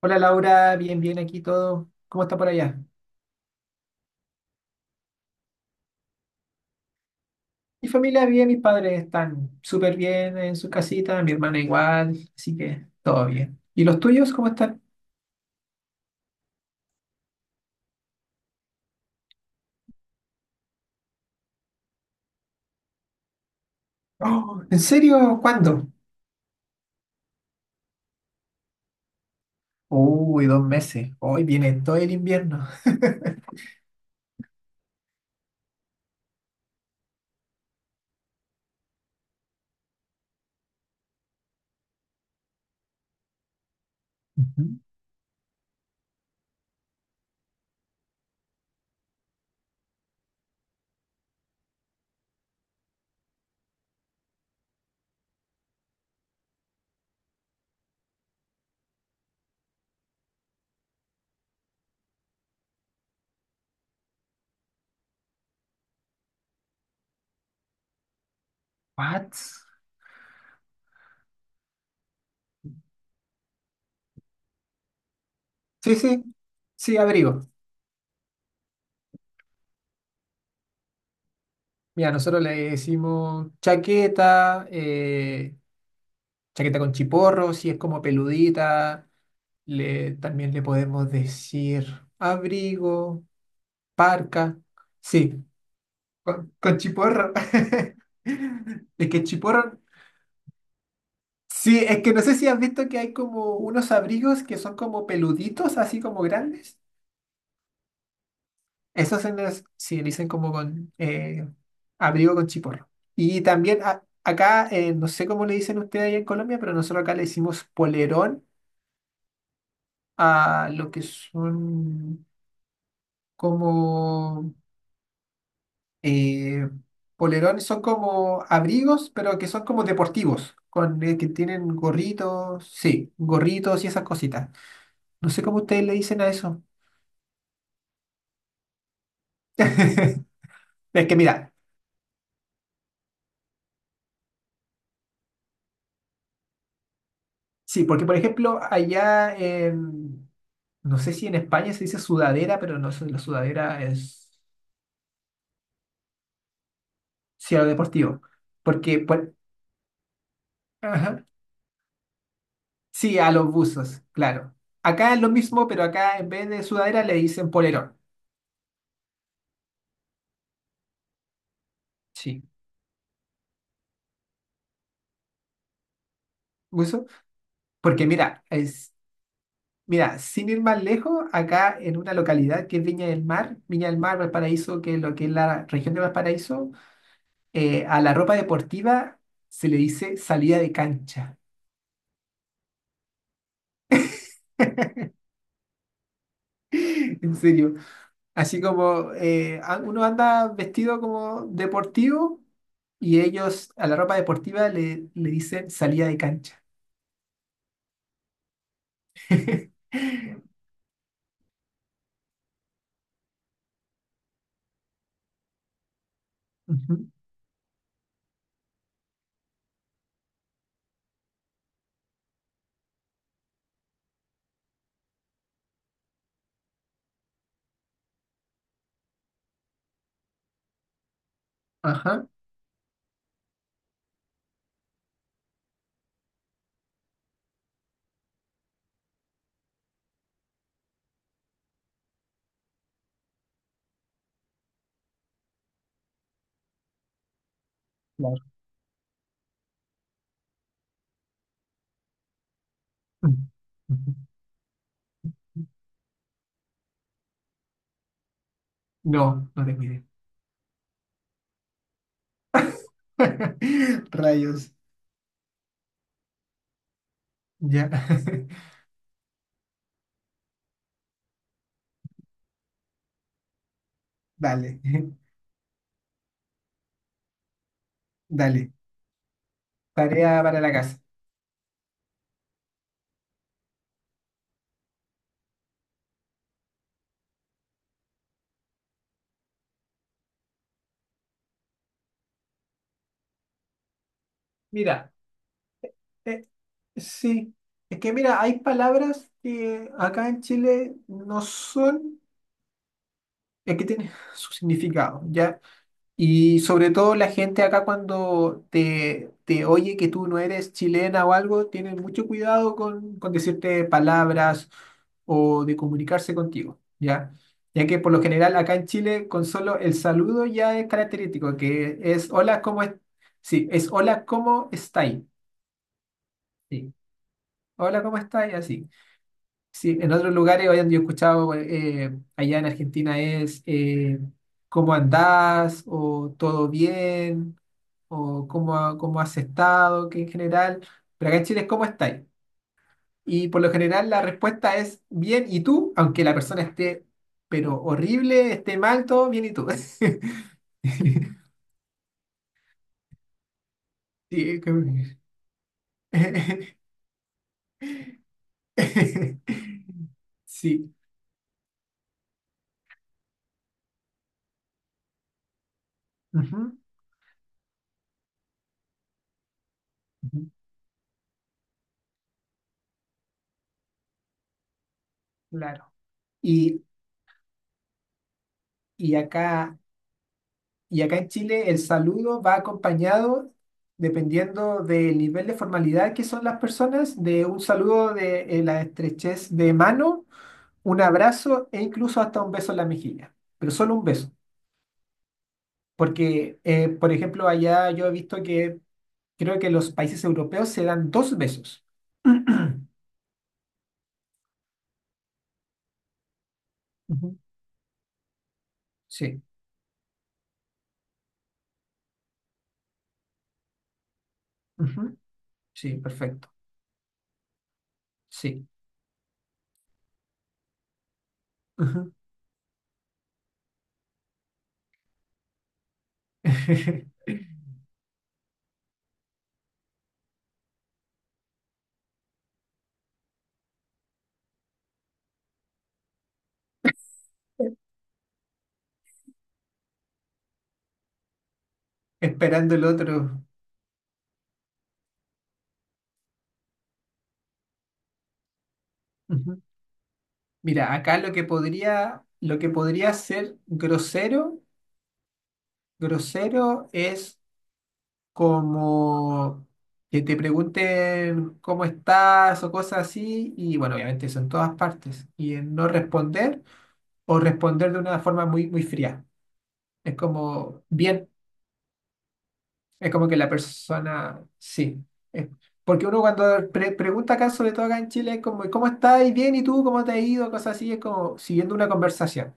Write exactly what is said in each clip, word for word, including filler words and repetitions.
Hola Laura, bien, bien aquí todo. ¿Cómo está por allá? Mi familia bien, mis padres están súper bien en sus casitas, mi hermana igual, así que todo bien. ¿Y los tuyos cómo están? Oh, ¿en serio? ¿Cuándo? Uy, dos meses. Hoy viene todo el invierno. Ujú. What? Sí, sí, sí, abrigo. Mira, nosotros le decimos chaqueta, eh, chaqueta con chiporro, si es como peludita. Le, también le podemos decir abrigo. Parca, sí, con, con chiporro. Es que chiporro, sí, es que no sé si has visto que hay como unos abrigos que son como peluditos, así como grandes. Esos se los, sí, le dicen como con eh, abrigo con chiporro. Y también a- acá, eh, no sé cómo le dicen ustedes allá en Colombia, pero nosotros acá le decimos polerón a lo que son como eh, polerones son como abrigos, pero que son como deportivos, con eh, que tienen gorritos, sí, gorritos y esas cositas. No sé cómo ustedes le dicen a eso. Es que mira, sí, porque por ejemplo, allá en, no sé si en España se dice sudadera, pero no sé, la sudadera es, sí, a lo deportivo. Porque, por- ajá, sí, a los buzos, claro. Acá es lo mismo, pero acá en vez de sudadera le dicen polerón. Sí, buzo. Porque mira, es Mira, sin ir más lejos, acá en una localidad que es Viña del Mar, Viña del Mar, Valparaíso, que es lo que es la región de Valparaíso, eh, a la ropa deportiva se le dice salida de cancha, en serio. Así como eh, a- uno anda vestido como deportivo y ellos a la ropa deportiva le, le dicen salida de cancha. Ujú, ajá, claro. Mm. Ujú. No, no te cuide. Rayos, ya. Vale. Dale, tarea para la casa. Mira, eh, sí, es que mira, hay palabras que acá en Chile no son, es que tienen su significado, ¿ya? Y sobre todo la gente acá cuando te, te oye que tú no eres chilena o algo, tienen mucho cuidado con, con decirte palabras o de comunicarse contigo, ¿ya? Ya que por lo general acá en Chile con solo el saludo ya es característico, que es hola, ¿cómo es? Sí, es hola, ¿cómo estáis? Sí, hola, ¿cómo estáis? Así. Sí, en otros lugares, hoy yo he escuchado eh, allá en Argentina es eh, ¿cómo andás? O ¿todo bien? O cómo, ha- cómo has estado, que en general, pero acá en Chile es cómo estáis. Y por lo general la respuesta es bien, ¿y tú? Aunque la persona esté, pero horrible, esté mal, todo bien, ¿y tú? Sí, es como. Sí. Ujú, ujú, claro. Y, y acá, y acá en Chile el saludo va acompañado, dependiendo del nivel de formalidad que son las personas, de un saludo de eh, la estrechez de mano un abrazo e incluso hasta un beso en la mejilla, pero solo un beso, porque, eh, por ejemplo, allá yo he visto que creo que los países europeos se dan dos besos. Ujú, sí, ujú, sí, perfecto, sí. Ujú. Esperando el otro. Ujú. Mira, acá lo que podría, lo que podría ser grosero, grosero es como que te pregunten cómo estás o cosas así, y bueno, obviamente eso en todas partes, y en no responder o responder de una forma muy, muy fría. Es como, bien, es como que la persona, sí. Es- porque uno cuando pre- pregunta acá, sobre todo acá en Chile, es como, ¿cómo estás? ¿Y ¿Bien? ¿Y tú? ¿Cómo te ha ido? Cosas así, es como siguiendo una conversación.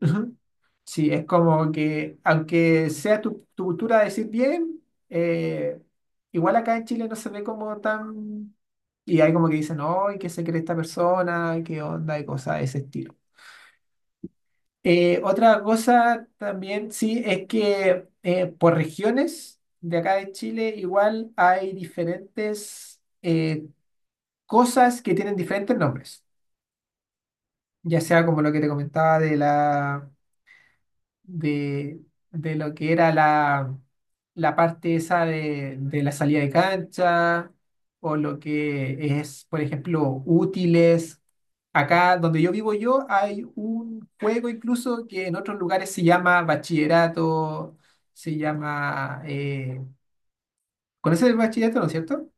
Ujú. Sí, es como que, aunque sea tu, tu cultura decir bien, eh, igual acá en Chile no se ve como tan... Y hay como que dicen, no, ¿y qué se cree esta persona? ¿Qué onda? Y cosas de ese estilo. Eh, otra cosa también, sí, es que eh, por regiones de acá de Chile igual hay diferentes eh, cosas que tienen diferentes nombres, ya sea como lo que te comentaba de la... de, de lo que era la, la parte esa de, de la salida de cancha o lo que es, por ejemplo, útiles. Acá donde yo vivo yo hay un juego incluso que en otros lugares se llama bachillerato, se llama... Eh, ¿conoces el bachillerato, no es cierto?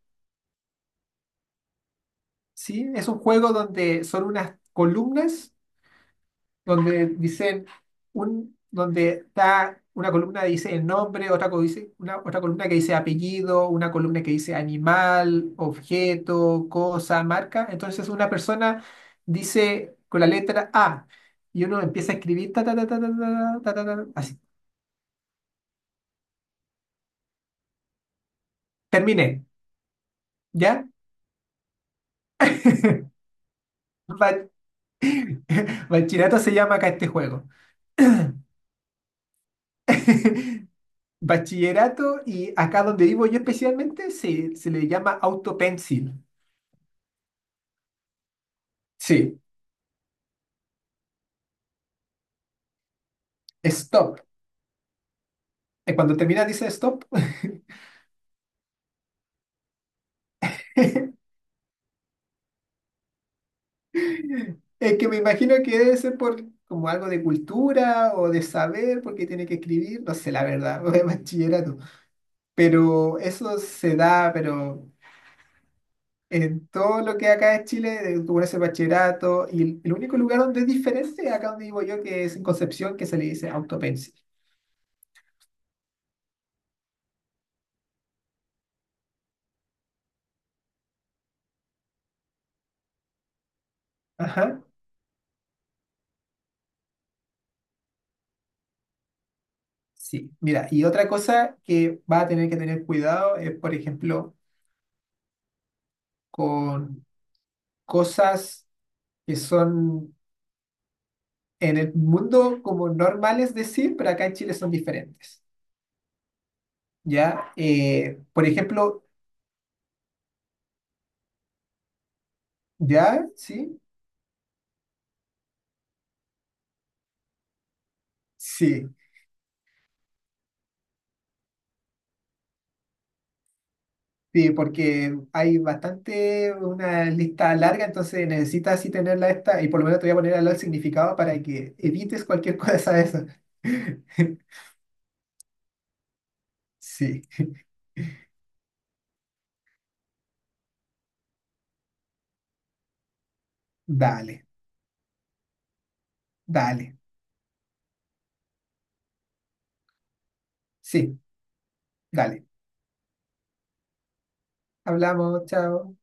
Sí, es un juego donde son unas columnas donde dicen un, donde está una columna que dice el nombre, otra, co- dice, una, otra columna que dice apellido, una columna que dice animal, objeto, cosa, marca. Entonces una persona dice con la letra A y uno empieza a escribir ta, ta, ta, ta, ta, ta, ta, ta, ta, así. Terminé, ¿ya? Ba- Bachillerato se llama acá este juego. Bachillerato y acá donde vivo yo especialmente se, se le llama autopencil. Sí, stop. eh, Cuando termina dice stop. Es que me imagino que debe ser por como algo de cultura o de saber, porque tiene que escribir, no sé la verdad, de bachillerato. Pero eso se da, pero en todo lo que acá es Chile, de- tú pones el bachillerato, y el el único lugar donde es diferente, acá donde vivo yo, que es en Concepción, que se le dice autopencil. Ajá, sí. Mira, y otra cosa que va a tener que tener cuidado es, por ejemplo, con cosas que son en el mundo como normal es decir, pero acá en Chile son diferentes. ¿Ya? Eh, por ejemplo, ¿ya? ¿Sí? Sí. Sí, porque hay bastante, una lista larga, entonces necesitas así tenerla esta, y por lo menos te voy a poner al lado el significado para que evites cualquier cosa de eso. Sí, dale, dale, sí, dale. Hablamos, chao.